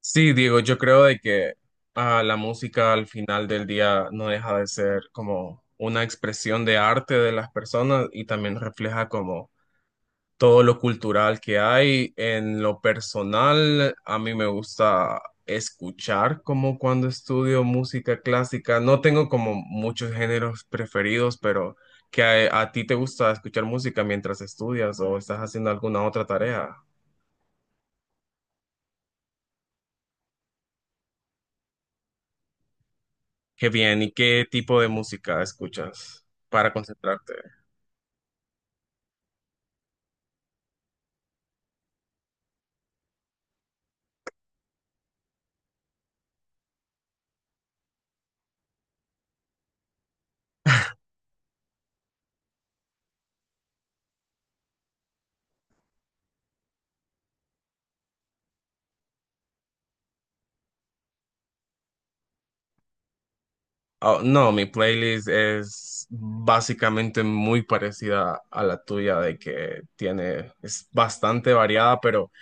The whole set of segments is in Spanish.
Sí, Diego, yo creo de que la música al final del día no deja de ser como una expresión de arte de las personas y también refleja como todo lo cultural que hay. En lo personal, a mí me gusta escuchar como cuando estudio música clásica. No tengo como muchos géneros preferidos, pero que a ti te gusta escuchar música mientras estudias o estás haciendo alguna otra tarea. Qué bien, ¿y qué tipo de música escuchas para concentrarte? Oh, no, mi playlist es básicamente muy parecida a la tuya, de que tiene, es bastante variada, pero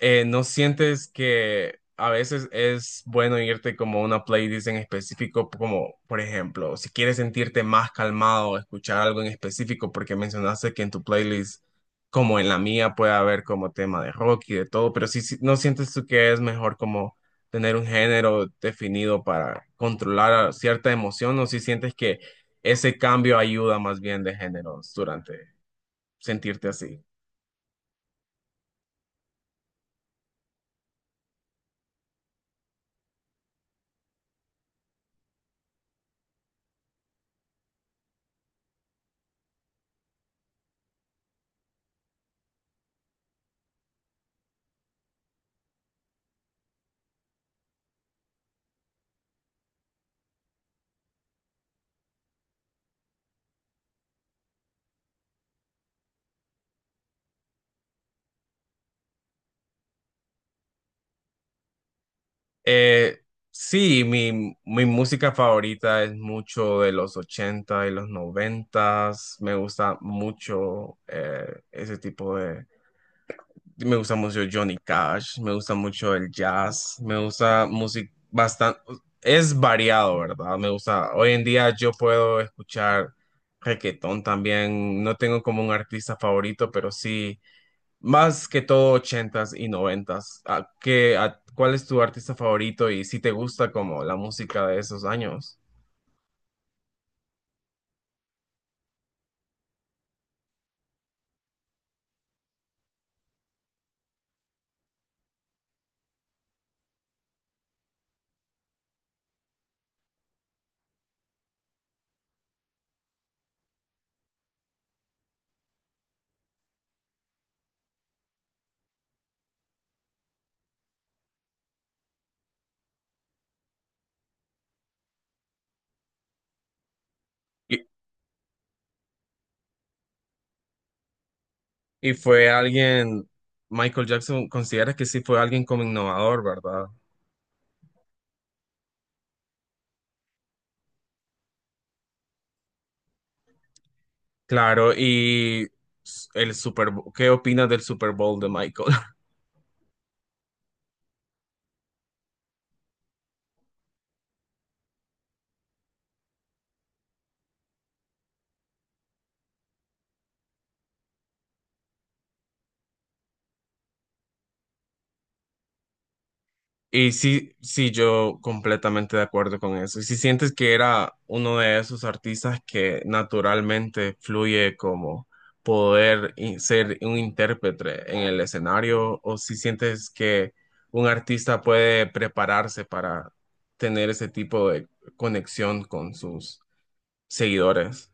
¿no sientes que a veces es bueno irte como a una playlist en específico, como por ejemplo, si quieres sentirte más calmado, escuchar algo en específico, porque mencionaste que en tu playlist, como en la mía, puede haber como tema de rock y de todo, pero si no sientes tú que es mejor como tener un género definido para controlar a cierta emoción, o si sientes que ese cambio ayuda más bien de géneros durante sentirte así? Eh, sí, mi música favorita es mucho de los 80 y los 90. Me gusta mucho ese tipo de... Me gusta mucho Johnny Cash, me gusta mucho el jazz, me gusta música bastante... Es variado, ¿verdad? Me gusta... Hoy en día yo puedo escuchar reggaetón también. No tengo como un artista favorito, pero sí... Más que todo ochentas y noventas. ¿A qué, cuál es tu artista favorito y si te gusta como la música de esos años? Y, y fue alguien, Michael Jackson, considera que sí fue alguien como innovador, ¿verdad? Claro, y el Super Bowl, ¿qué opinas del Super Bowl de Michael? Y sí, sí, yo completamente de acuerdo con eso. Y si sientes que era uno de esos artistas que naturalmente fluye como poder ser un intérprete en el escenario, o si sientes que un artista puede prepararse para tener ese tipo de conexión con sus seguidores.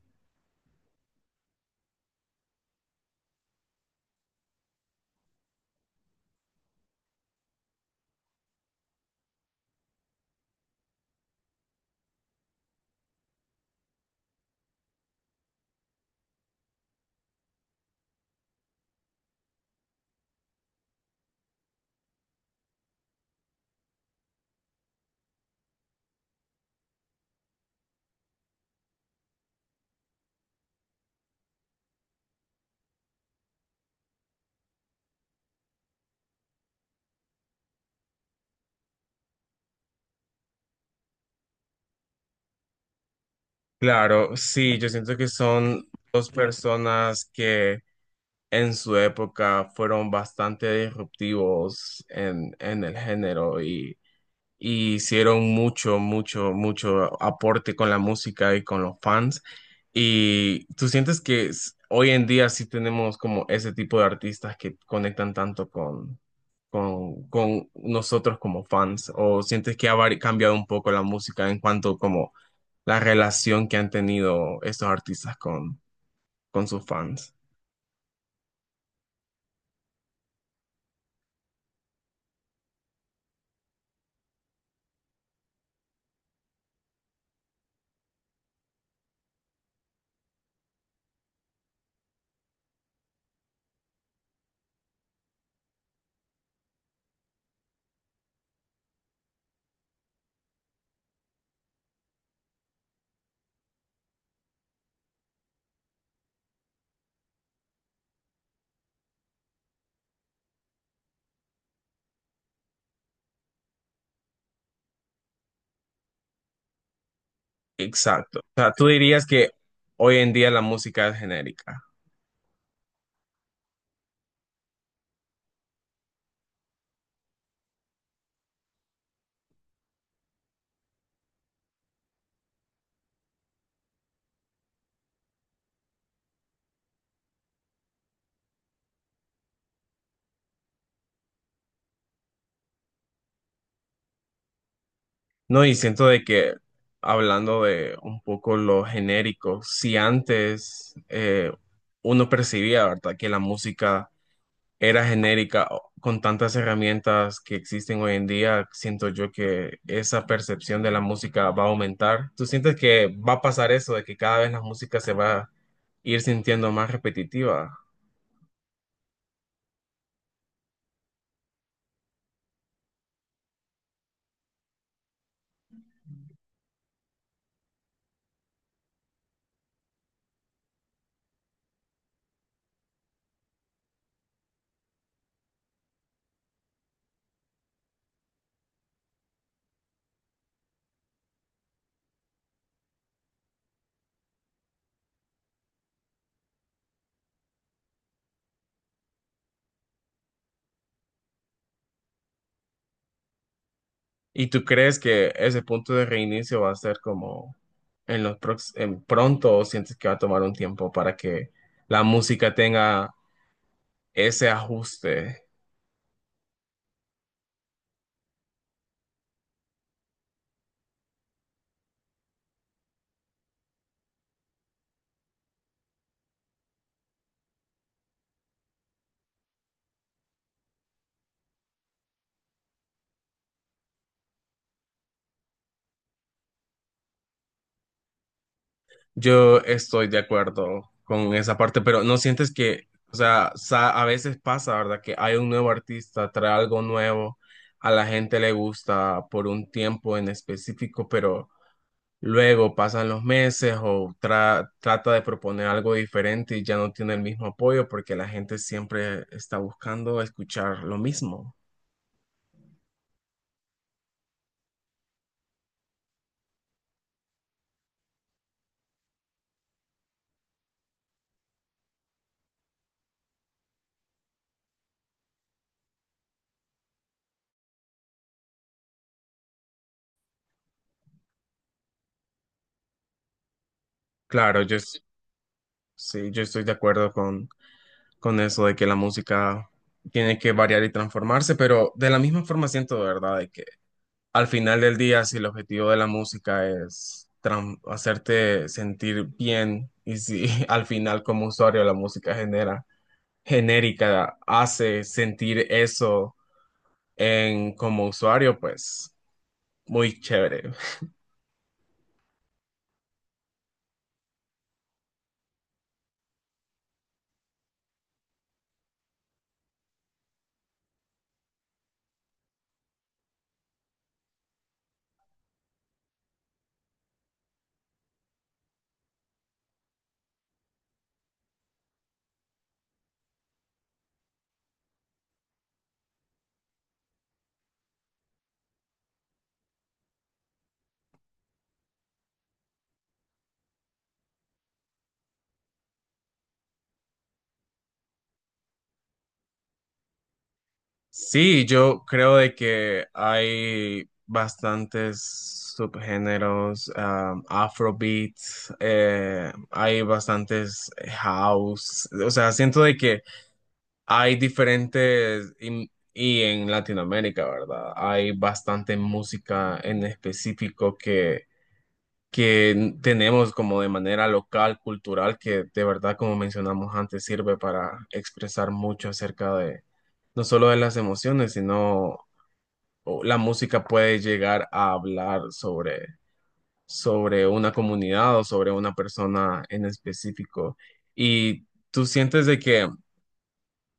Claro, sí, yo siento que son dos personas que en su época fueron bastante disruptivos en el género y hicieron mucho, mucho, mucho aporte con la música y con los fans. ¿Y tú sientes que hoy en día sí tenemos como ese tipo de artistas que conectan tanto con nosotros como fans? ¿O sientes que ha cambiado un poco la música en cuanto como la relación que han tenido estos artistas con sus fans? Exacto. O sea, tú dirías que hoy en día la música es genérica. No, y siento de que hablando de un poco lo genérico, si antes uno percibía, ¿verdad?, que la música era genérica, con tantas herramientas que existen hoy en día, siento yo que esa percepción de la música va a aumentar. ¿Tú sientes que va a pasar eso, de que cada vez la música se va a ir sintiendo más repetitiva? ¿Y tú crees que ese punto de reinicio va a ser como en los en pronto o sientes que va a tomar un tiempo para que la música tenga ese ajuste? Yo estoy de acuerdo con esa parte, pero no sientes que, o sea, a veces pasa, ¿verdad? Que hay un nuevo artista, trae algo nuevo, a la gente le gusta por un tiempo en específico, pero luego pasan los meses o trata de proponer algo diferente y ya no tiene el mismo apoyo porque la gente siempre está buscando escuchar lo mismo. Claro, sí, yo estoy de acuerdo con eso de que la música tiene que variar y transformarse, pero de la misma forma siento de verdad de que al final del día, si el objetivo de la música es hacerte sentir bien y si al final como usuario la música genera genérica hace sentir eso en como usuario, pues muy chévere. Sí, yo creo de que hay bastantes subgéneros, Afrobeat, hay bastantes house, o sea, siento de que hay diferentes y en Latinoamérica, ¿verdad? Hay bastante música en específico que tenemos como de manera local, cultural, que de verdad, como mencionamos antes, sirve para expresar mucho acerca de no solo de las emociones, sino o la música puede llegar a hablar sobre, sobre una comunidad o sobre una persona en específico. Y tú sientes de que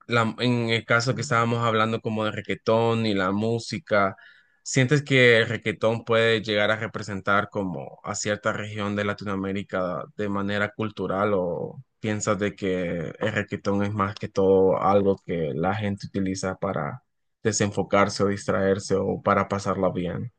en el caso que estábamos hablando como de reguetón y la música, ¿sientes que el reguetón puede llegar a representar como a cierta región de Latinoamérica de manera cultural o piensas de que el reguetón es más que todo algo que la gente utiliza para desenfocarse o distraerse o para pasarla bien?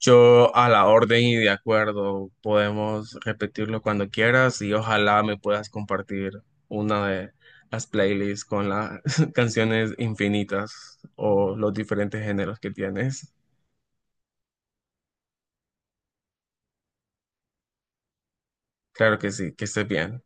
Yo a la orden y de acuerdo, podemos repetirlo cuando quieras y ojalá me puedas compartir una de las playlists con las canciones infinitas o los diferentes géneros que tienes. Claro que sí, que estés bien.